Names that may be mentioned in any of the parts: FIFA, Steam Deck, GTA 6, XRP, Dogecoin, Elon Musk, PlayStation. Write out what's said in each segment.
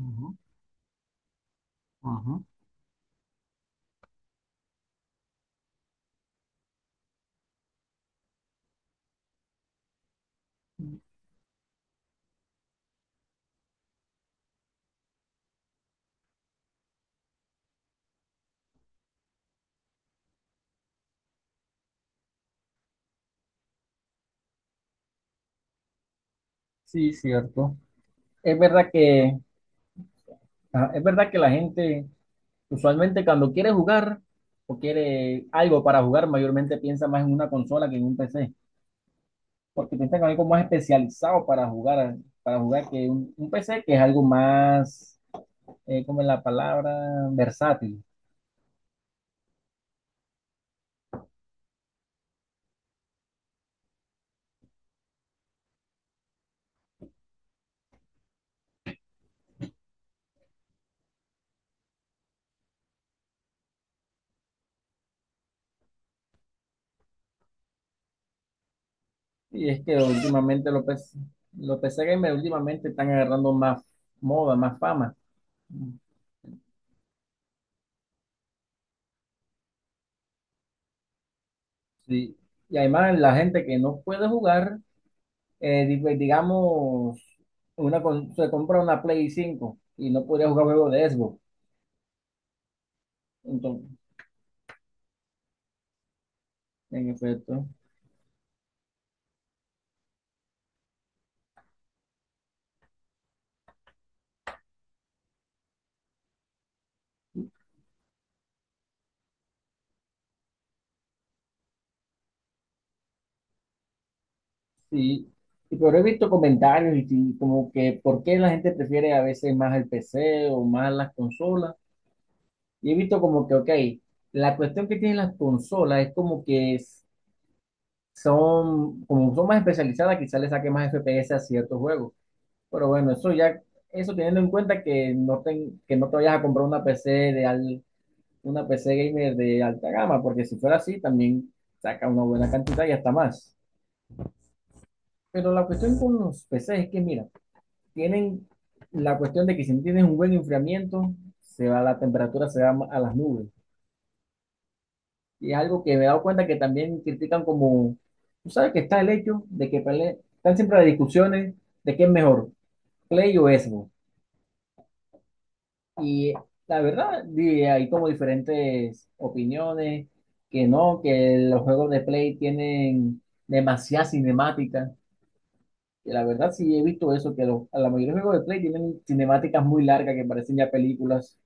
Ujú, ujú. Sí, cierto. Es verdad que, es verdad que la gente usualmente cuando quiere jugar o quiere algo para jugar, mayormente piensa más en una consola que en un PC, porque piensa que es algo más especializado para jugar que un PC que es algo más, como es la palabra, versátil. Y es que últimamente los PC gamers últimamente están agarrando más moda, más fama. Sí. Y además la gente que no puede jugar, pues, digamos, se compra una Play 5 y no podría jugar juegos de Xbox. Entonces, en efecto, sí. Pero he visto comentarios y como que por qué la gente prefiere a veces más el PC o más las consolas. Y he visto como que, ok, la cuestión que tienen las consolas es como que son, como son más especializadas, quizás le saque más FPS a ciertos juegos. Pero bueno, eso teniendo en cuenta que no, que no te vayas a comprar una PC gamer de alta gama, porque si fuera así, también saca una buena cantidad y hasta más. Pero la cuestión con los PCs es que, mira, tienen la cuestión de que si no tienes un buen enfriamiento, se va la temperatura, se va a las nubes. Y es algo que me he dado cuenta que también critican como, tú sabes que está el hecho de que están siempre las discusiones de qué es mejor, Play o Xbox. Y la verdad, hay como diferentes opiniones, que no, que los juegos de Play tienen demasiada cinemática. Y la verdad sí he visto eso, que a la mayoría de juegos de Play tienen cinemáticas muy largas que parecen ya películas.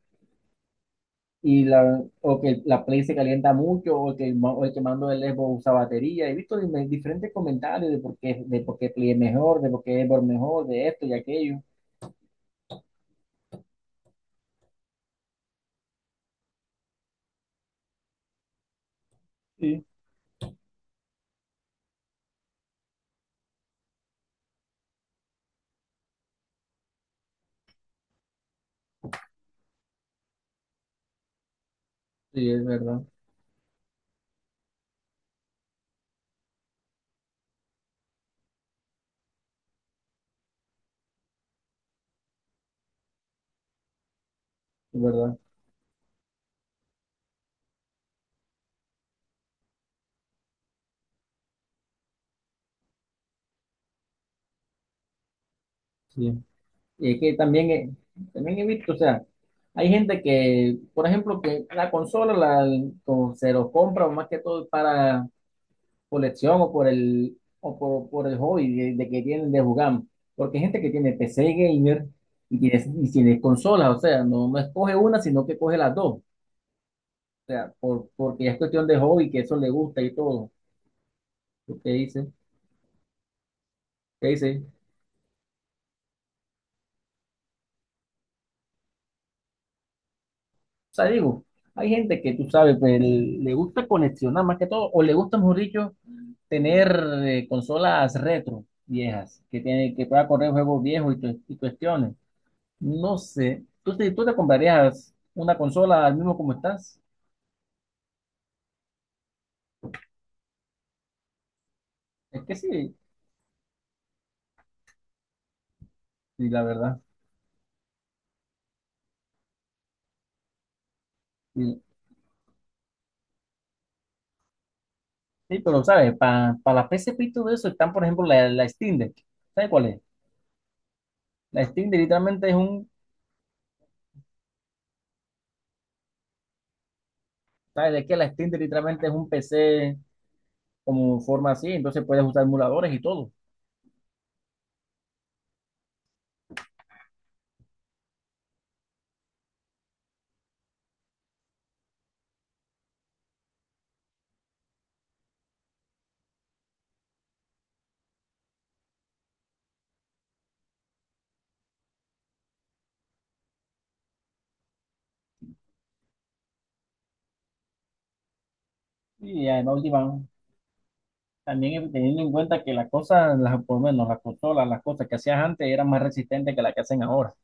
O que la Play se calienta mucho, o que o el que mando del Xbox usa batería. He visto, diferentes comentarios de por qué, Play es mejor, de por qué Xbox mejor, de esto y aquello. Sí. Sí, es verdad, es verdad. Sí. Y es que también, también he visto, o sea, hay gente que, por ejemplo, que la consola la, o se lo compra más que todo para colección o por el hobby de que tienen de jugar. Porque hay gente que tiene PC gamer y tiene consolas, o sea, no, no escoge una, sino que coge las dos. O sea, porque es cuestión de hobby, que eso le gusta y todo. ¿Qué dice? ¿Qué dice? O sea, digo, hay gente que tú sabes, pues, le gusta coleccionar más que todo, o le gusta, mejor dicho, tener, consolas retro viejas, que tiene, que pueda correr juegos viejos y cuestiones. No sé, ¿tú te comprarías una consola al mismo como estás? Es que sí, sí, la verdad. Sí, sí, pero sabes, para la PSP y todo eso están, por ejemplo, la Steam Deck. ¿Sabes cuál es? La Steam Deck literalmente es un, ¿Sabes de qué? La Steam Deck literalmente es un PC como forma así, entonces puedes usar emuladores y todo. Y además, también teniendo en cuenta que las cosas, las, por lo menos las consolas, las cosas que hacías antes eran más resistentes que las que hacen ahora.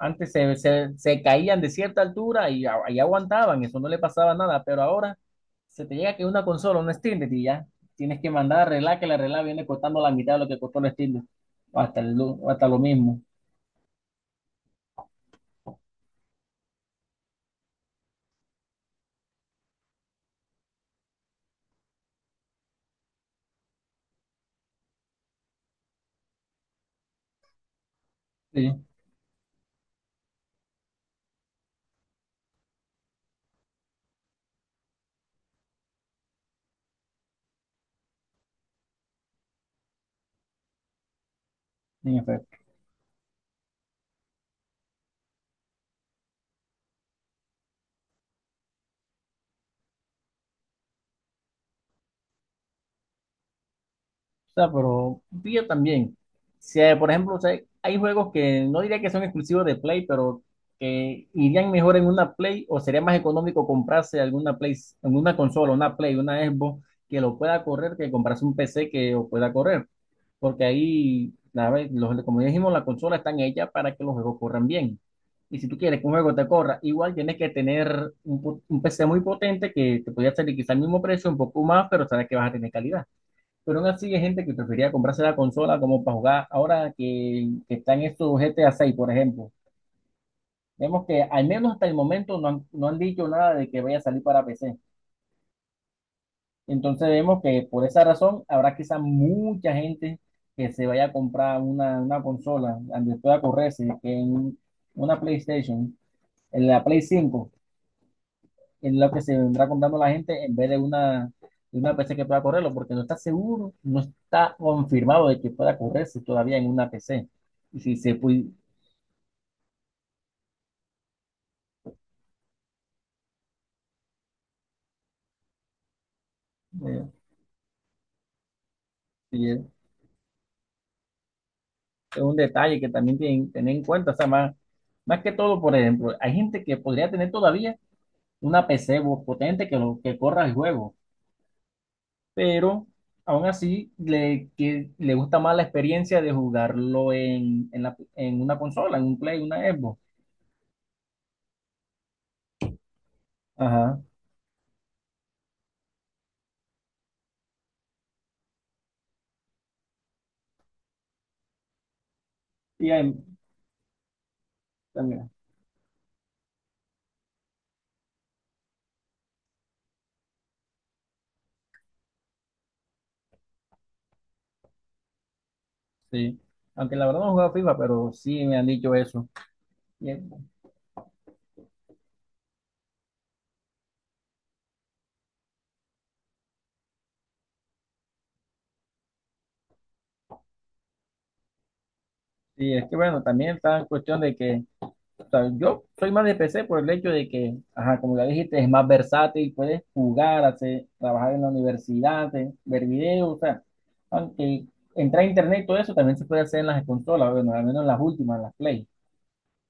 Antes se caían de cierta altura y, y aguantaban, eso no le pasaba nada, pero ahora se te llega que una consola, un Steam Deck, y ya tienes que mandar a arreglar, que la arreglar viene costando la mitad de lo que costó el Steam Deck, o hasta lo mismo. Sí, bien efecto. O sea, pero sí, yo también. Si, por ejemplo, o sea, hay juegos que no diría que son exclusivos de Play, pero que irían mejor en una Play o sería más económico comprarse alguna Play, alguna consola, una Play, una Xbox que lo pueda correr que comprarse un PC que lo pueda correr. Porque ahí, la vez, como ya dijimos, las consolas están hechas para que los juegos corran bien. Y si tú quieres que un juego te corra, igual tienes que tener un PC muy potente que te podría salir quizá al mismo precio, un poco más, pero sabes que vas a tener calidad. Pero aún así hay gente que prefería comprarse la consola como para jugar ahora que están estos GTA 6, por ejemplo. Vemos que al menos hasta el momento no han dicho nada de que vaya a salir para PC. Entonces vemos que por esa razón habrá quizá mucha gente que se vaya a comprar una consola donde pueda correrse, que en una PlayStation, en la Play 5. Es lo que se vendrá contando la gente en vez de una PC que pueda correrlo, porque no está seguro, no está confirmado de que pueda correrse todavía en una PC. Y si se puede, eh, y es un detalle que también tienen tener en cuenta, o sea, más que todo, por ejemplo, hay gente que podría tener todavía una PC potente que corra el juego, pero aún así le gusta más la experiencia de jugarlo en, en una consola, en un Play, una Xbox. Ajá. Y hay- también- Sí, aunque la verdad no he jugado FIFA, pero sí me han dicho eso. Y, es y es que bueno, también está en cuestión de que, o sea, yo soy más de PC por el hecho de que, ajá, como ya dijiste, es más versátil, puedes jugar, hacer, trabajar en la universidad, ver videos, o sea, aunque entrar a internet y todo eso también se puede hacer en las consolas, bueno, al menos en las últimas, en las Play.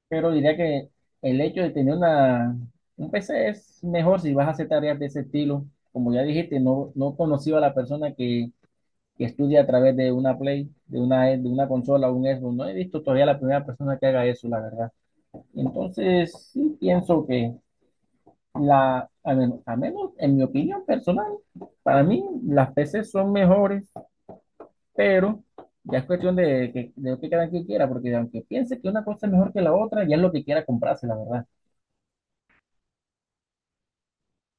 Pero diría que el hecho de tener un PC es mejor si vas a hacer tareas de ese estilo. Como ya dijiste, no, no conocido a la persona que estudia a través de una Play, de una consola, un Xbox. No he visto todavía la primera persona que haga eso, la verdad. Entonces, sí pienso que a menos en mi opinión personal, para mí las PCs son mejores, pero ya es cuestión de lo que cada quien quiera, porque aunque piense que una cosa es mejor que la otra, ya es lo que quiera comprarse, la verdad.